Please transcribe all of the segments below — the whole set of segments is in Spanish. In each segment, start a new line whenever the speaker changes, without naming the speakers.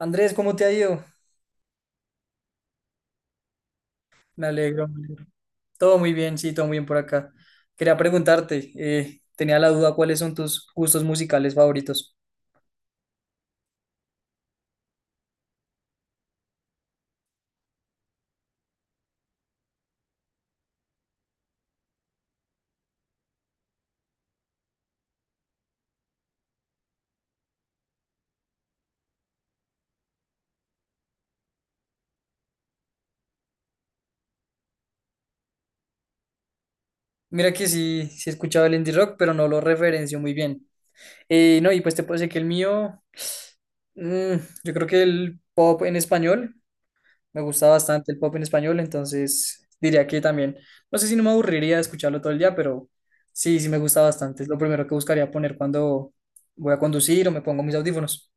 Andrés, ¿cómo te ha ido? Me alegro, me alegro. Todo muy bien, sí, todo muy bien por acá. Quería preguntarte, tenía la duda, ¿cuáles son tus gustos musicales favoritos? Mira que sí, he escuchado el indie rock, pero no lo referencio muy bien. No, y pues te puedo decir que el mío, mm, yo creo que el pop en español, me gusta bastante el pop en español, entonces diría que también, no sé si no me aburriría de escucharlo todo el día, pero sí, sí me gusta bastante. Es lo primero que buscaría poner cuando voy a conducir o me pongo mis audífonos.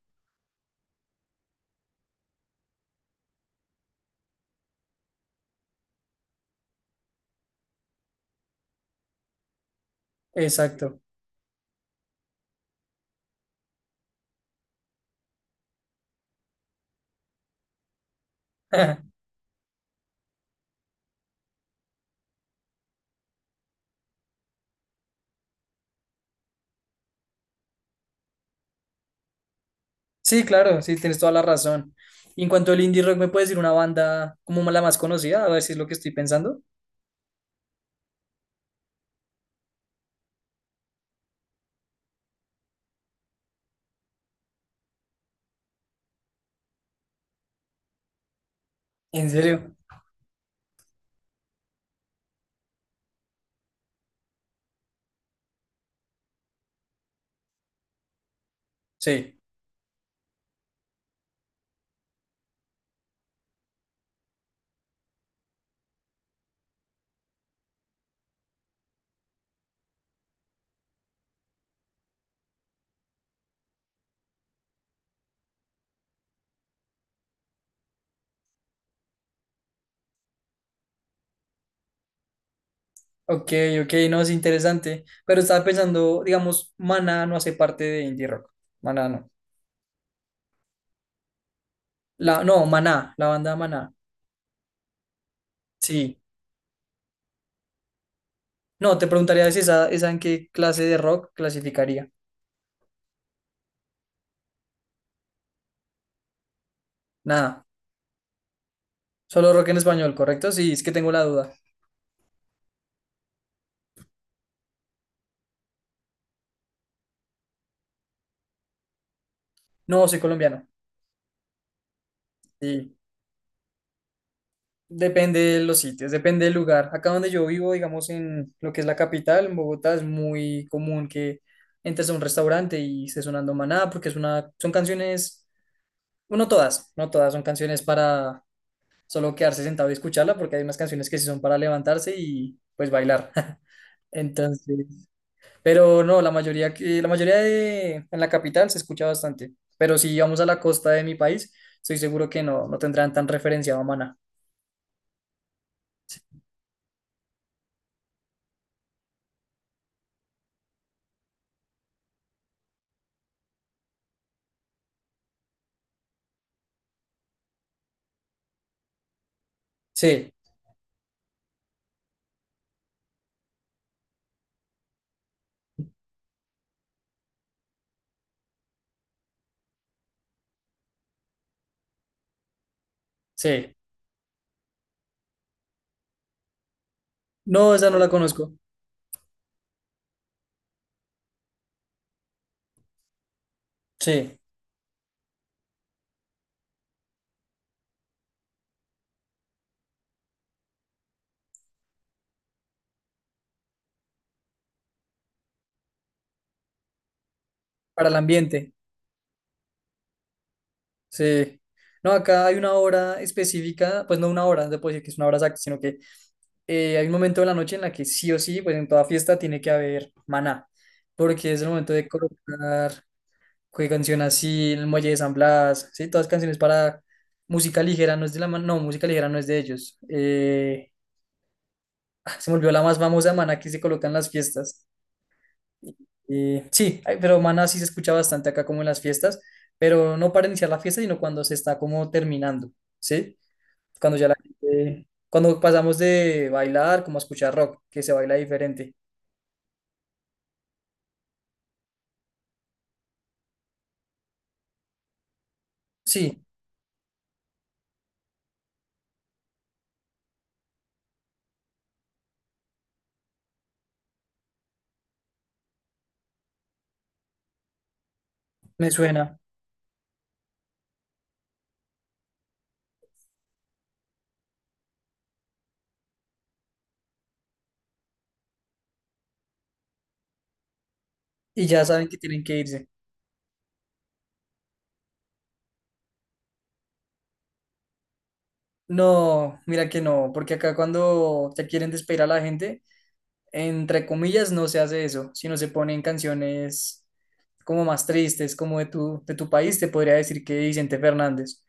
Exacto. Sí, claro, sí, tienes toda la razón. Y en cuanto al indie rock, ¿me puedes decir una banda como la más conocida? A ver si es lo que estoy pensando. ¿En serio? Sí. Ok, ok, no, es interesante. Pero estaba pensando, digamos, Maná no hace parte de indie rock. Maná no. La, no, Maná, la banda Maná. Sí. No, te preguntaría si esa, esa en qué clase de rock clasificaría. Nada. ¿Solo rock en español, correcto? Sí, es que tengo la duda. No, soy colombiano. Sí. Depende de los sitios, depende del lugar. Acá donde yo vivo, digamos en lo que es la capital, en Bogotá, es muy común que entres a un restaurante y esté sonando Maná, porque es una, son canciones, bueno, no todas, no todas son canciones para solo quedarse sentado y escucharla, porque hay unas canciones que sí son para levantarse y pues bailar. Entonces, pero no, la mayoría, la mayoría de, en la capital se escucha bastante. Pero si vamos a la costa de mi país, estoy seguro que no, no tendrán tan referenciado a Maná. Sí, sí. No, esa no la conozco. Sí, para el ambiente. Sí. No, acá hay una hora específica, pues no una hora, no se puede decir que es una hora exacta, sino que hay un momento de la noche en la que sí o sí, pues en toda fiesta tiene que haber maná, porque es el momento de colocar qué canción así, el Muelle de San Blas, sí, todas canciones para música ligera, no es de la ma- no, música ligera no es de ellos. Ah, se me olvidó la más famosa de maná que se coloca en las fiestas. Sí, ay, pero Maná sí se escucha bastante acá como en las fiestas, pero no para iniciar la fiesta, sino cuando se está como terminando, ¿sí? Cuando ya la gente- Cuando pasamos de bailar como a escuchar rock, que se baila diferente. Sí, me suena. Y ya saben que tienen que irse. No, mira que no, porque acá cuando te quieren despedir a la gente, entre comillas, no se hace eso, sino se ponen canciones como más tristes, como de tu país, te podría decir que Vicente Fernández.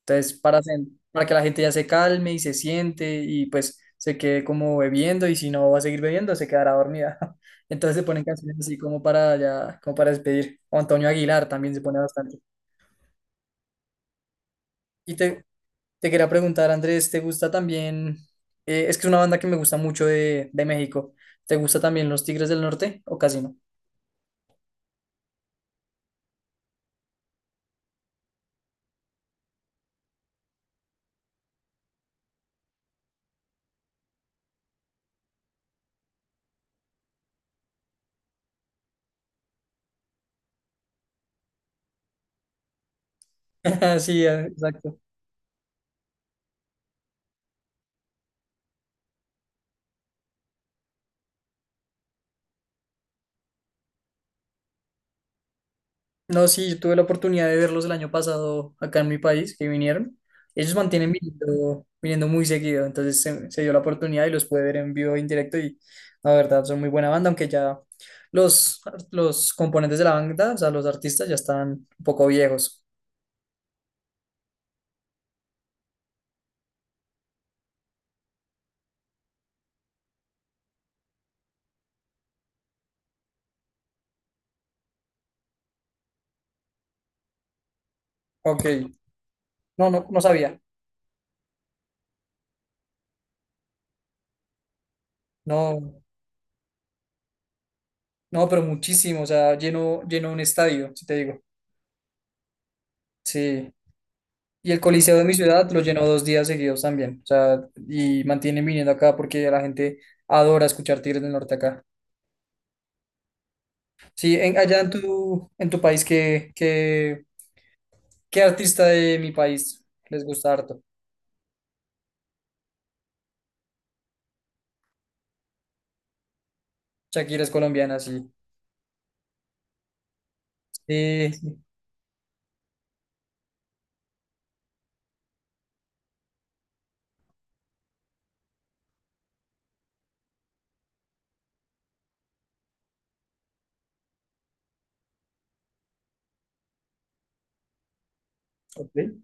Entonces, para que la gente ya se calme y se siente y pues se quede como bebiendo y si no va a seguir bebiendo, se quedará dormida. Entonces se ponen canciones así como para ya, como para despedir. O Antonio Aguilar también se pone bastante. Y te quería preguntar, Andrés, ¿te gusta también? Es que es una banda que me gusta mucho de México. ¿Te gusta también Los Tigres del Norte o casi no? Sí, ah, exacto. No, sí, yo tuve la oportunidad de verlos el año pasado acá en mi país, que vinieron. Ellos mantienen viniendo, viniendo muy seguido, entonces se dio la oportunidad y los pude ver en vivo, en directo y la verdad son muy buena banda, aunque ya los, los componentes de la banda, o sea, los artistas ya están un poco viejos. Ok, no, no, no sabía. No, no, pero muchísimo, o sea, lleno, lleno un estadio, si te digo. Sí. Y el Coliseo de mi ciudad lo llenó dos días seguidos también. O sea, y mantienen viniendo acá porque la gente adora escuchar Tigres del Norte acá. Sí, en, allá en tu país, ¿qué, qué, qué artista de mi país les gusta harto? Shakira es colombiana, sí. Sí, sí. Ok.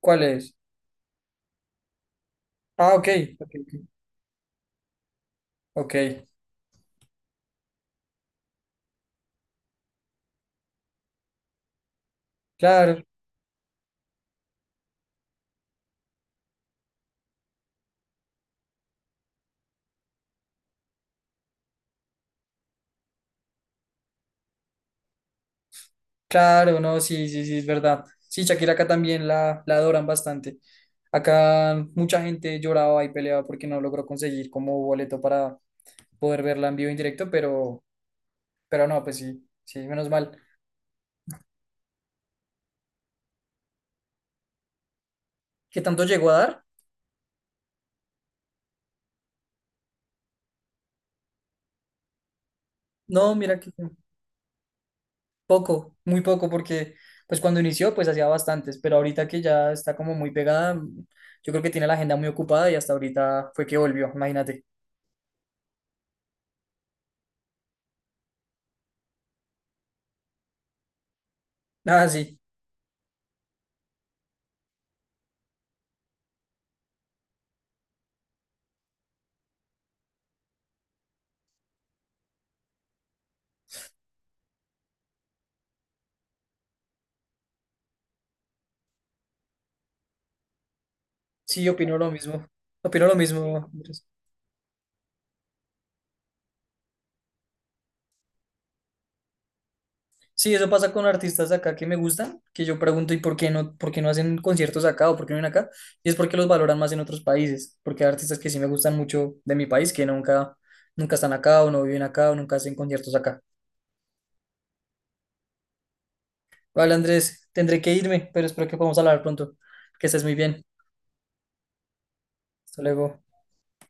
¿Cuál es? Ah, ok. Ok, ok. Ok, claro. Claro, no, sí, sí, sí, es verdad. Sí, Shakira acá también la adoran bastante. Acá mucha gente lloraba y peleaba porque no logró conseguir como boleto para poder verla en vivo e en directo, pero no, pues sí, sí, menos mal. ¿Qué tanto llegó a dar? No, mira que poco, muy poco, porque pues cuando inició pues hacía bastantes, pero ahorita que ya está como muy pegada, yo creo que tiene la agenda muy ocupada y hasta ahorita fue que volvió, imagínate. Ah, sí, sí, opino lo mismo, opino lo mismo. Sí, eso pasa con artistas de acá que me gustan, que yo pregunto, ¿y por qué no hacen conciertos acá o por qué no vienen acá? Y es porque los valoran más en otros países, porque hay artistas que sí me gustan mucho de mi país, que nunca, nunca están acá o no viven acá o nunca hacen conciertos acá. Vale, Andrés, tendré que irme, pero espero que podamos hablar pronto. Que estés muy bien. Hasta luego.